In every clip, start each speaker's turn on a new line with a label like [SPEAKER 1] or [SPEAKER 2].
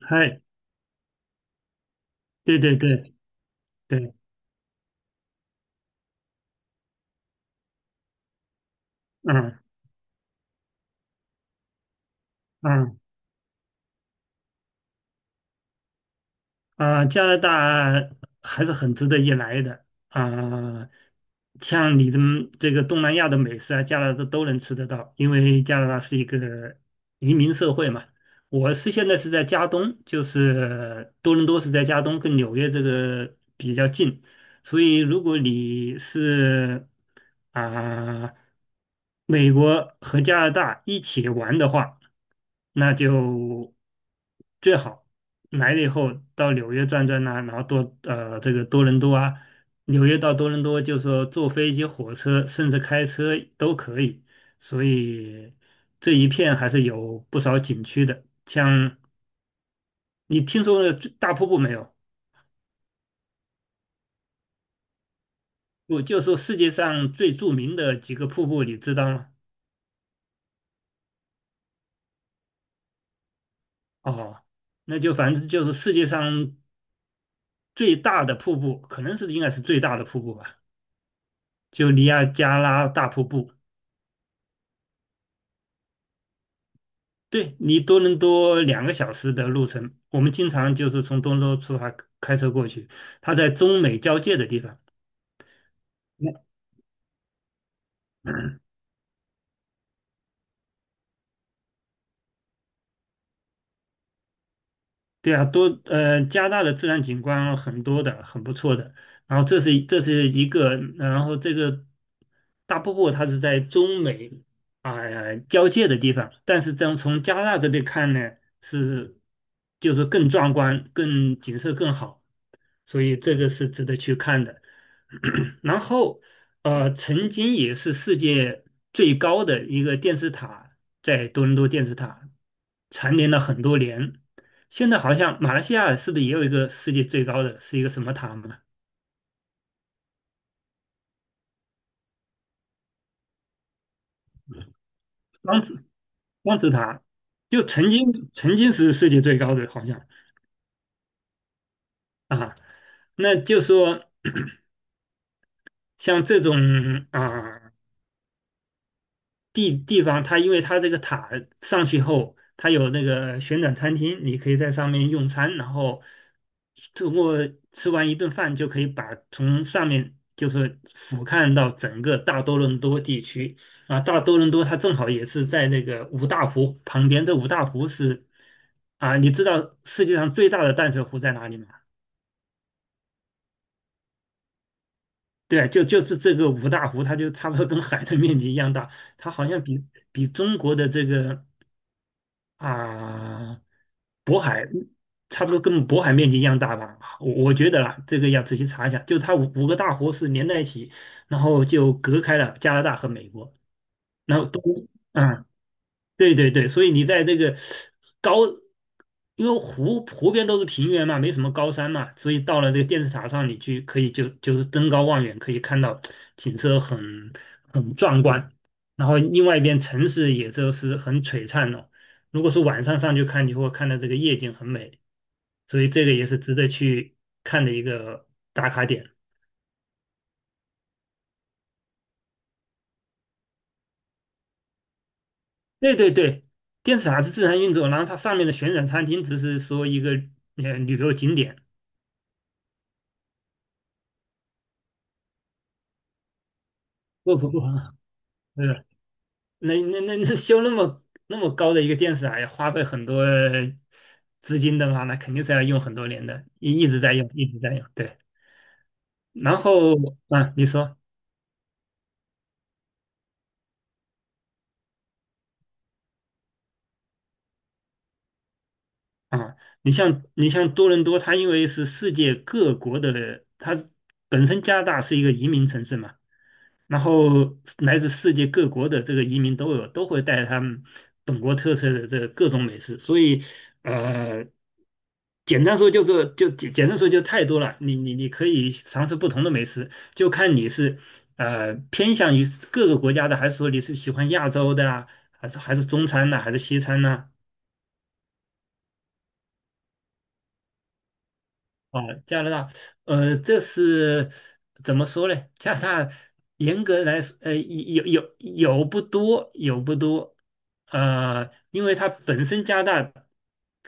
[SPEAKER 1] 嗨，对对对对。嗯嗯。啊，加拿大还是很值得一来的。啊，像你的这个东南亚的美食啊，加拿大都能吃得到，因为加拿大是一个移民社会嘛。现在是在加东，就是多伦多是在加东，跟纽约这个比较近，所以如果你是啊、美国和加拿大一起玩的话，那就最好来了以后到纽约转转呐、然后这个多伦多啊。纽约到多伦多，就是说坐飞机、火车，甚至开车都可以。所以这一片还是有不少景区的。像你听说了最大瀑布没有？我就说世界上最著名的几个瀑布，你知道吗？哦，那就反正就是世界上最大的瀑布，可能是应该是最大的瀑布吧，就尼亚加拉大瀑布。对，你多伦多两个小时的路程，我们经常就是从多伦多出发开车过去，它在中美交界的地方。那对啊，加拿大的自然景观很多的，很不错的。然后这是一个，然后这个大瀑布它是在中美交界的地方，但是这样从加拿大这边看呢，是就是更壮观，景色更好。所以这个是值得去看的。然后，曾经也是世界最高的一个电视塔，在多伦多电视塔蝉联了很多年。现在好像马来西亚是不是也有一个世界最高的，是一个什么塔嘛？双子双子塔，就曾经是世界最高的，好像啊。那就说像这种啊。地方，它因为它这个塔上去后，它有那个旋转餐厅，你可以在上面用餐，然后通过吃完一顿饭就可以把从上面就是俯瞰到整个大多伦多地区啊。大多伦多它正好也是在那个五大湖旁边，这五大湖是啊，你知道世界上最大的淡水湖在哪里吗？对，就是这个五大湖，它就差不多跟海的面积一样大，它好像比中国的这个。啊，渤海差不多跟渤海面积一样大吧，我觉得啦，这个要仔细查一下。就它五个大湖是连在一起，然后就隔开了加拿大和美国，然后嗯，对对对，所以你在这个高，因为湖边都是平原嘛，没什么高山嘛，所以到了这个电视塔上，你去可以就是登高望远，可以看到景色很壮观。然后另外一边城市也就是很璀璨哦。如果是晚上上去看，你会看到这个夜景很美，所以这个也是值得去看的一个打卡点。对对对，电视塔是自然运作，然后它上面的旋转餐厅只是说一个旅游景点，不不不。是，那修那么高的一个电视塔要花费很多资金的话，那肯定是要用很多年的，一直在用，一直在用。对，然后啊，你说啊，你像多伦多，它因为是世界各国的，它本身加拿大是一个移民城市嘛，然后来自世界各国的这个移民都有，都会带着他们本国特色的这个各种美食，所以呃，简单说就太多了，你可以尝试不同的美食，就看你是偏向于各个国家的，还是说你是喜欢亚洲的啊，还是中餐呢、还是西餐呢、啊，加拿大，这是怎么说呢？加拿大严格来说，有不多，有不多，因为它本身加拿大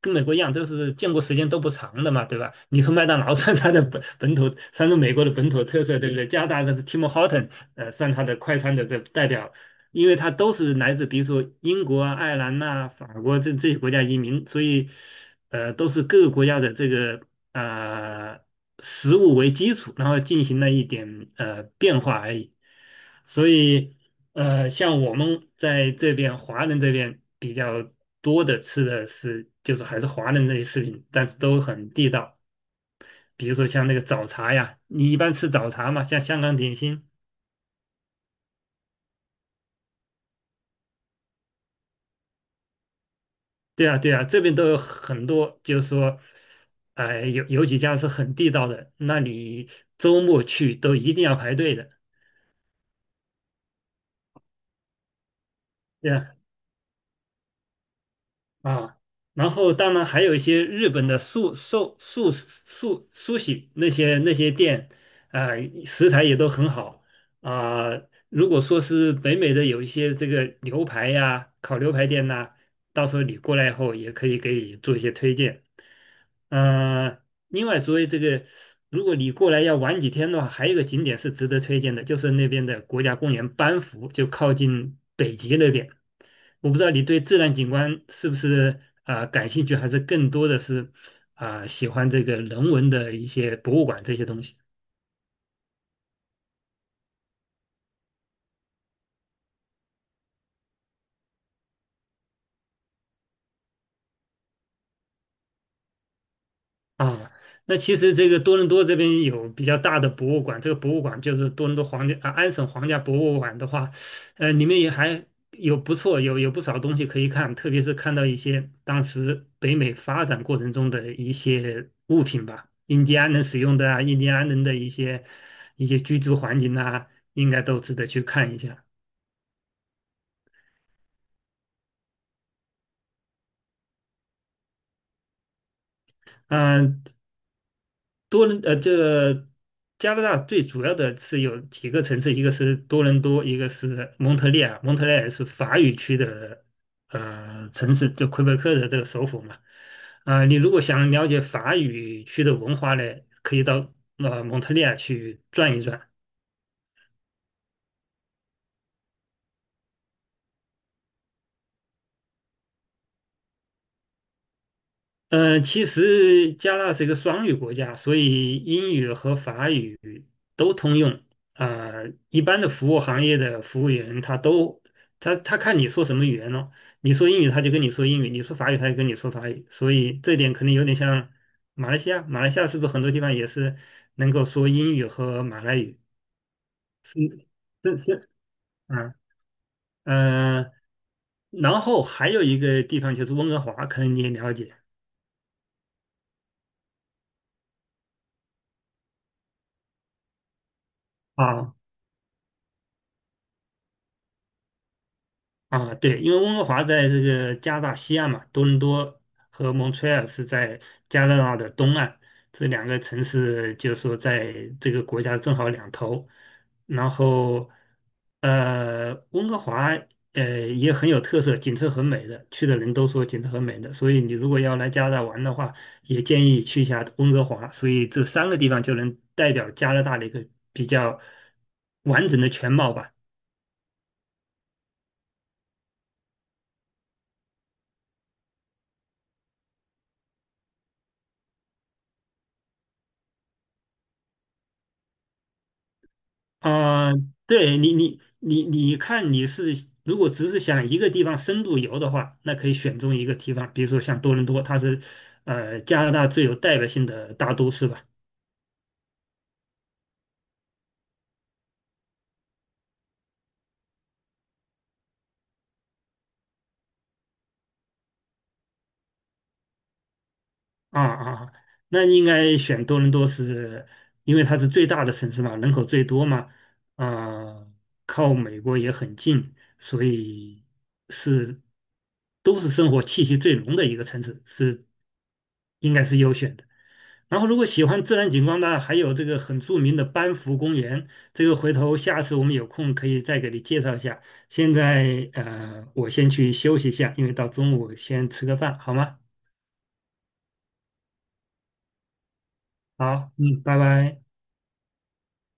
[SPEAKER 1] 跟美国一样，都是建国时间都不长的嘛，对吧？你说麦当劳 算它的本土，算是美国的本土特色，对不对？加拿大的是 Tim Horton，算它的快餐的这代表因为他都是来自比如说英国啊、爱尔兰呐、法国这些国家移民，所以都是各个国家的这个呃食物为基础，然后进行了一点变化而已。所以像我们在这边华人这边比较多的吃的是就是还是华人那些食品，但是都很地道。比如说像那个早茶呀，你一般吃早茶嘛，像香港点心。对啊，对啊，这边都有很多，就是说，哎、有几家是很地道的，那你周末去都一定要排队的，对啊啊，然后当然还有一些日本的素寿素素苏喜那些店，啊、食材也都很好啊、如果说是北美的有一些这个牛排呀、烤牛排店呐、到时候你过来以后也可以给你做一些推荐。嗯、另外作为这个，如果你过来要玩几天的话，还有一个景点是值得推荐的，就是那边的国家公园班夫，就靠近北极那边。我不知道你对自然景观是不是啊、感兴趣，还是更多的是啊、喜欢这个人文的一些博物馆这些东西。啊，那其实这个多伦多这边有比较大的博物馆，这个博物馆就是多伦多皇家啊安省皇家博物馆的话，里面也还有不错，有不少东西可以看，特别是看到一些当时北美发展过程中的一些物品吧，印第安人使用的啊，印第安人的一些居住环境啊，应该都值得去看一下。嗯、这个加拿大最主要的是有几个城市，一个是多伦多，一个是蒙特利尔。蒙特利尔是法语区的城市，就魁北克的这个首府嘛。啊、你如果想了解法语区的文化呢，可以到蒙特利尔去转一转。嗯，其实加纳是一个双语国家，所以英语和法语都通用。啊、一般的服务行业的服务员，他都他他看你说什么语言咯，你说英语他就跟你说英语，你说法语他就跟你说法语，所以这点可能有点像马来西亚。马来西亚是不是很多地方也是能够说英语和马来语？是是是，啊，嗯。然后还有一个地方就是温哥华，可能你也了解。啊。啊，对，因为温哥华在这个加拿大西岸嘛，多伦多和蒙特利尔是在加拿大的东岸，这两个城市就是说在这个国家正好两头。然后，温哥华也很有特色，景色很美的，去的人都说景色很美的，所以你如果要来加拿大玩的话，也建议去一下温哥华。所以这三个地方就能代表加拿大的一个比较完整的全貌吧。啊、对你，你看，你是如果只是想一个地方深度游的话，那可以选中一个地方，比如说像多伦多，它是加拿大最有代表性的大都市吧。啊啊，那应该选多伦多是，因为它是最大的城市嘛，人口最多嘛，啊，靠美国也很近，所以是都是生活气息最浓的一个城市，是应该是优选的。然后，如果喜欢自然景观呢，还有这个很著名的班夫公园，这个回头下次我们有空可以再给你介绍一下。现在我先去休息一下，因为到中午先吃个饭，好吗？好，嗯，拜拜。